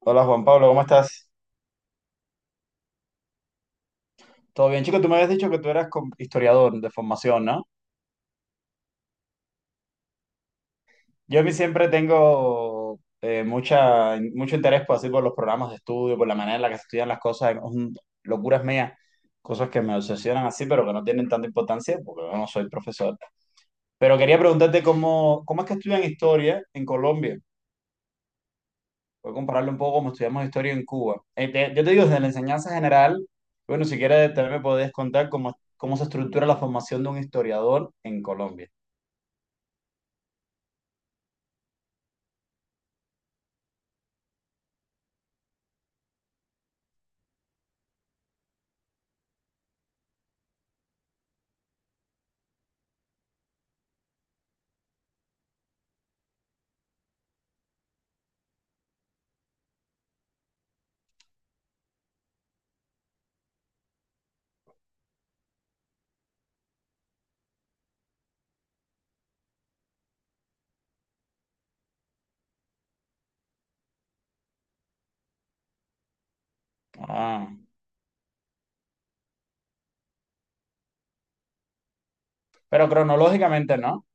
Hola Juan Pablo, ¿cómo estás? Todo bien, chico, tú me habías dicho que tú eras historiador de formación, ¿no? Yo a mí siempre tengo mucho interés por, así, por los programas de estudio, por la manera en la que se estudian las cosas, son locuras mías, cosas que me obsesionan así, pero que no tienen tanta importancia porque yo no soy profesor. Pero quería preguntarte cómo es que estudian historia en Colombia. Voy a compararlo un poco como estudiamos historia en Cuba. Yo te digo, desde la enseñanza general, bueno, si quieres también me podés contar cómo se estructura la formación de un historiador en Colombia. Ah, pero cronológicamente no.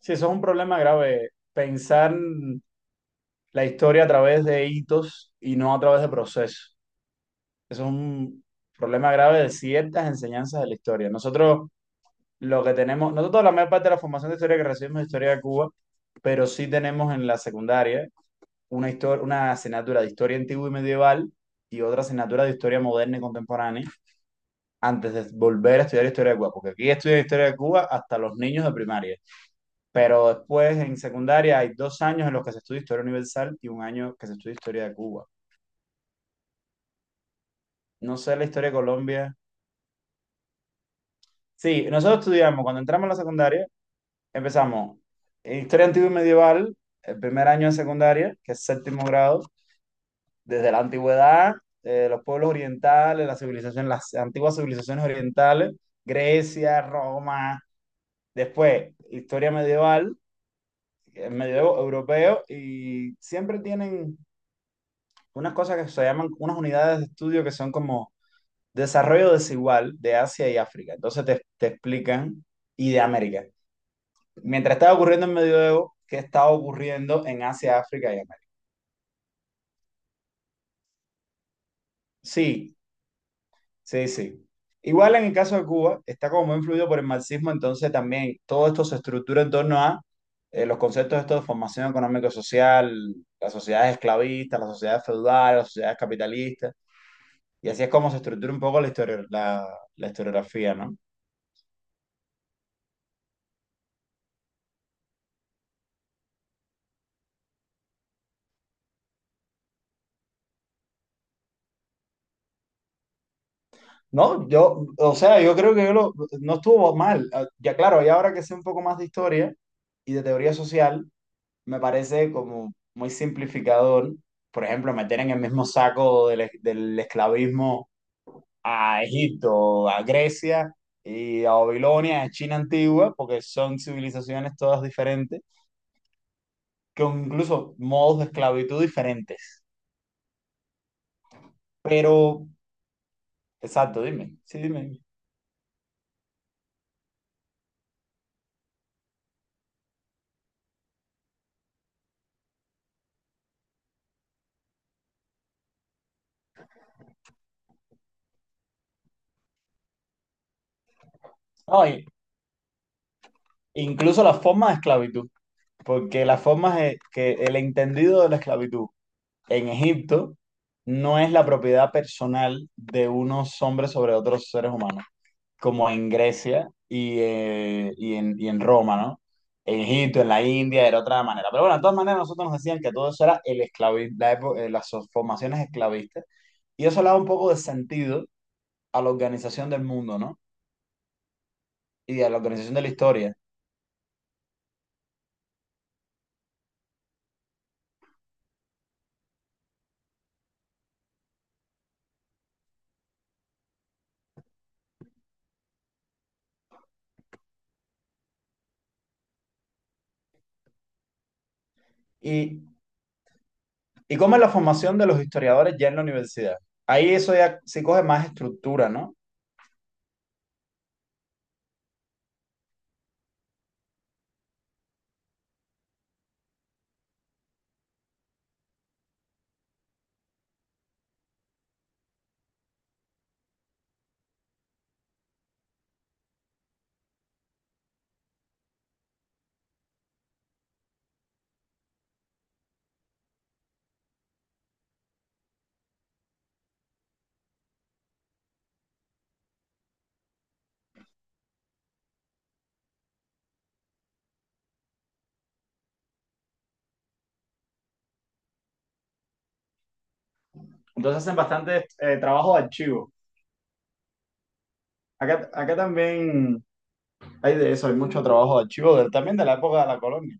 Sí, eso es un problema grave, pensar la historia a través de hitos y no a través de procesos. Eso es un problema grave de ciertas enseñanzas de la historia. Nosotros lo que tenemos, nosotros la mayor parte de la formación de historia que recibimos es historia de Cuba, pero sí tenemos en la secundaria una asignatura de historia antigua y medieval y otra asignatura de historia moderna y contemporánea antes de volver a estudiar historia de Cuba, porque aquí estudian historia de Cuba hasta los niños de primaria, pero después en secundaria hay 2 años en los que se estudia historia universal y un año que se estudia historia de Cuba. No sé la historia de Colombia. Sí, nosotros estudiamos, cuando entramos a la secundaria, empezamos en historia antigua y medieval, el primer año de secundaria, que es séptimo grado, desde la antigüedad, los pueblos orientales, las civilizaciones, las antiguas civilizaciones orientales, Grecia, Roma, después historia medieval, medievo europeo, y siempre tienen unas cosas que se llaman, unas unidades de estudio que son como desarrollo desigual de Asia y África. Entonces te explican, y de América. Mientras estaba ocurriendo en medioevo, ¿qué estaba ocurriendo en Asia, África y América? Sí, sí, sí. Igual en el caso de Cuba, está como muy influido por el marxismo, entonces también todo esto se estructura en torno a los conceptos estos de formación económico-social, las sociedades esclavistas, las sociedades feudales, las sociedades capitalistas, y así es como se estructura un poco la historia, la historiografía, ¿no? No, yo, o sea, yo creo que no estuvo mal. Ah, ya claro, y ahora que sé un poco más de historia y de teoría social, me parece como muy simplificador, por ejemplo, meter en el mismo saco del esclavismo a Egipto, a Grecia y a Babilonia, a China antigua, porque son civilizaciones todas diferentes, con incluso modos de esclavitud diferentes. Pero, exacto, dime, sí, dime. No, incluso las formas de esclavitud, porque que el entendido de la esclavitud en Egipto no es la propiedad personal de unos hombres sobre otros seres humanos, como en Grecia y en Roma, ¿no? En Egipto, en la India, era otra manera. Pero bueno, de todas maneras, nosotros nos decían que todo eso era el esclavi- la epo- las formaciones esclavistas, y eso le da un poco de sentido a la organización del mundo, ¿no? Y a la organización de la historia. Y, y cómo es la formación de los historiadores ya en la universidad. Ahí eso ya se coge más estructura, ¿no? Entonces hacen bastante trabajo de archivo. Acá también hay de eso, hay mucho trabajo de archivo, también de la época de la colonia.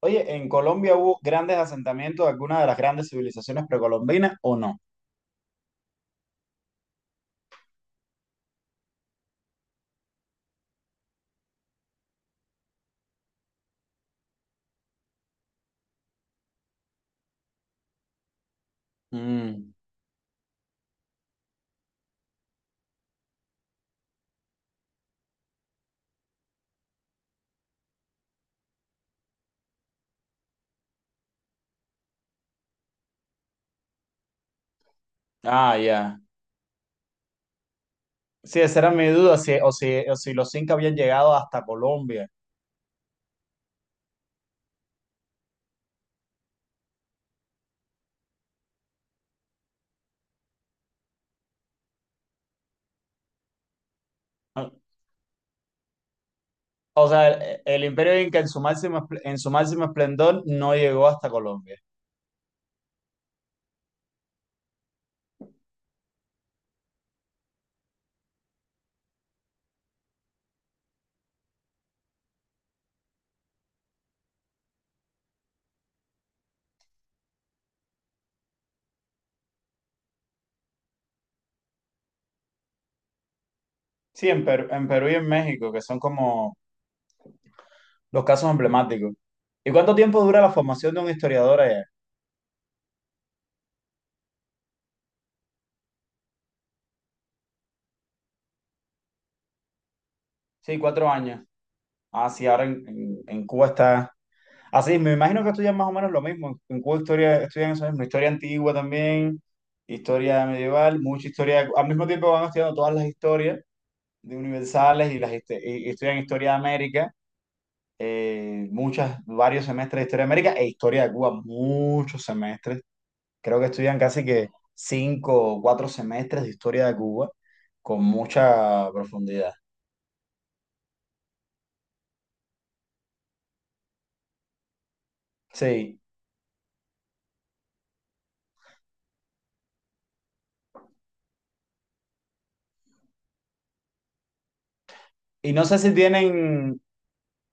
Oye, ¿en Colombia hubo grandes asentamientos de alguna de las grandes civilizaciones precolombinas o no? Mm. Ah, ya. Sí, esa era mi duda, si los incas habían llegado hasta Colombia. O sea, el imperio inca en su máximo esplendor no llegó hasta Colombia. Sí, en Perú y en México, que son como los casos emblemáticos. ¿Y cuánto tiempo dura la formación de un historiador allá? Sí, 4 años. Ah, sí, ahora en Cuba está. Así, me imagino que estudian más o menos lo mismo. En Cuba historia, estudian eso mismo, historia antigua también, historia medieval, mucha historia. Al mismo tiempo van estudiando todas las historias de universales y estudian historia de América, varios semestres de historia de América e historia de Cuba, muchos semestres. Creo que estudian casi que cinco o cuatro semestres de historia de Cuba con mucha profundidad. Sí. Y no sé si tienen,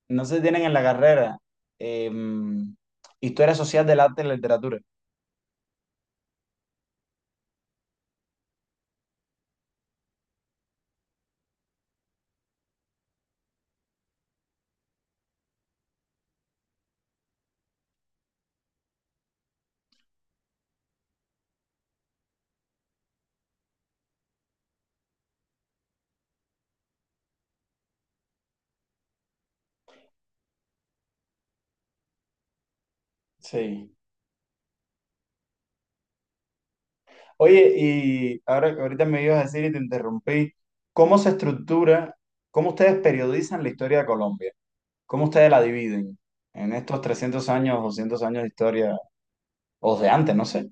no sé si tienen en la carrera em, historia social del arte y la literatura. Sí. Oye, y ahora ahorita me ibas a decir y te interrumpí, ¿cómo se estructura, cómo ustedes periodizan la historia de Colombia? ¿Cómo ustedes la dividen en estos 300 años, 200 años de historia, o de antes, no sé?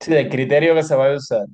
Sí, del criterio que se va a usar.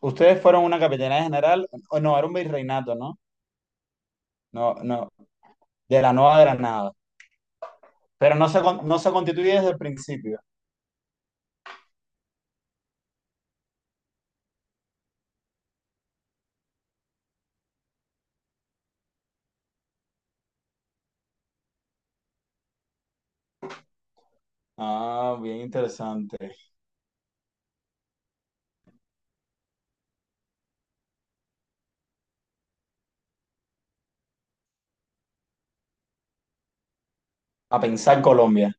Ustedes fueron una capitanía general, o no, era un virreinato, ¿no? No, no, de la Nueva Granada. Pero no se constituye desde el principio. Ah, bien interesante. A pensar Colombia.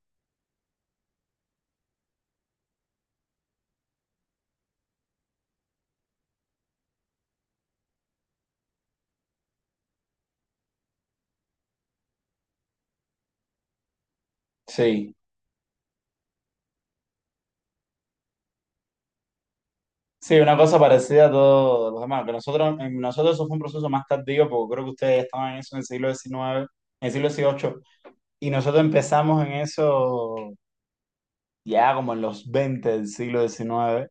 Sí. Sí, una cosa parecida a todos los demás. Que en nosotros eso fue un proceso más tardío, porque creo que ustedes ya estaban en eso en el siglo XIX, en el siglo XVIII, y nosotros empezamos en eso ya como en los 20 del siglo XIX.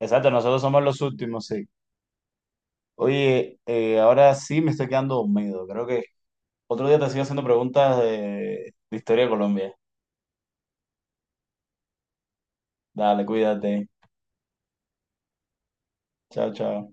Exacto, nosotros somos los últimos, sí. Oye, ahora sí me estoy quedando dormido. Creo que otro día te sigo haciendo preguntas de historia de Colombia. Dale, cuídate. Chao, chao.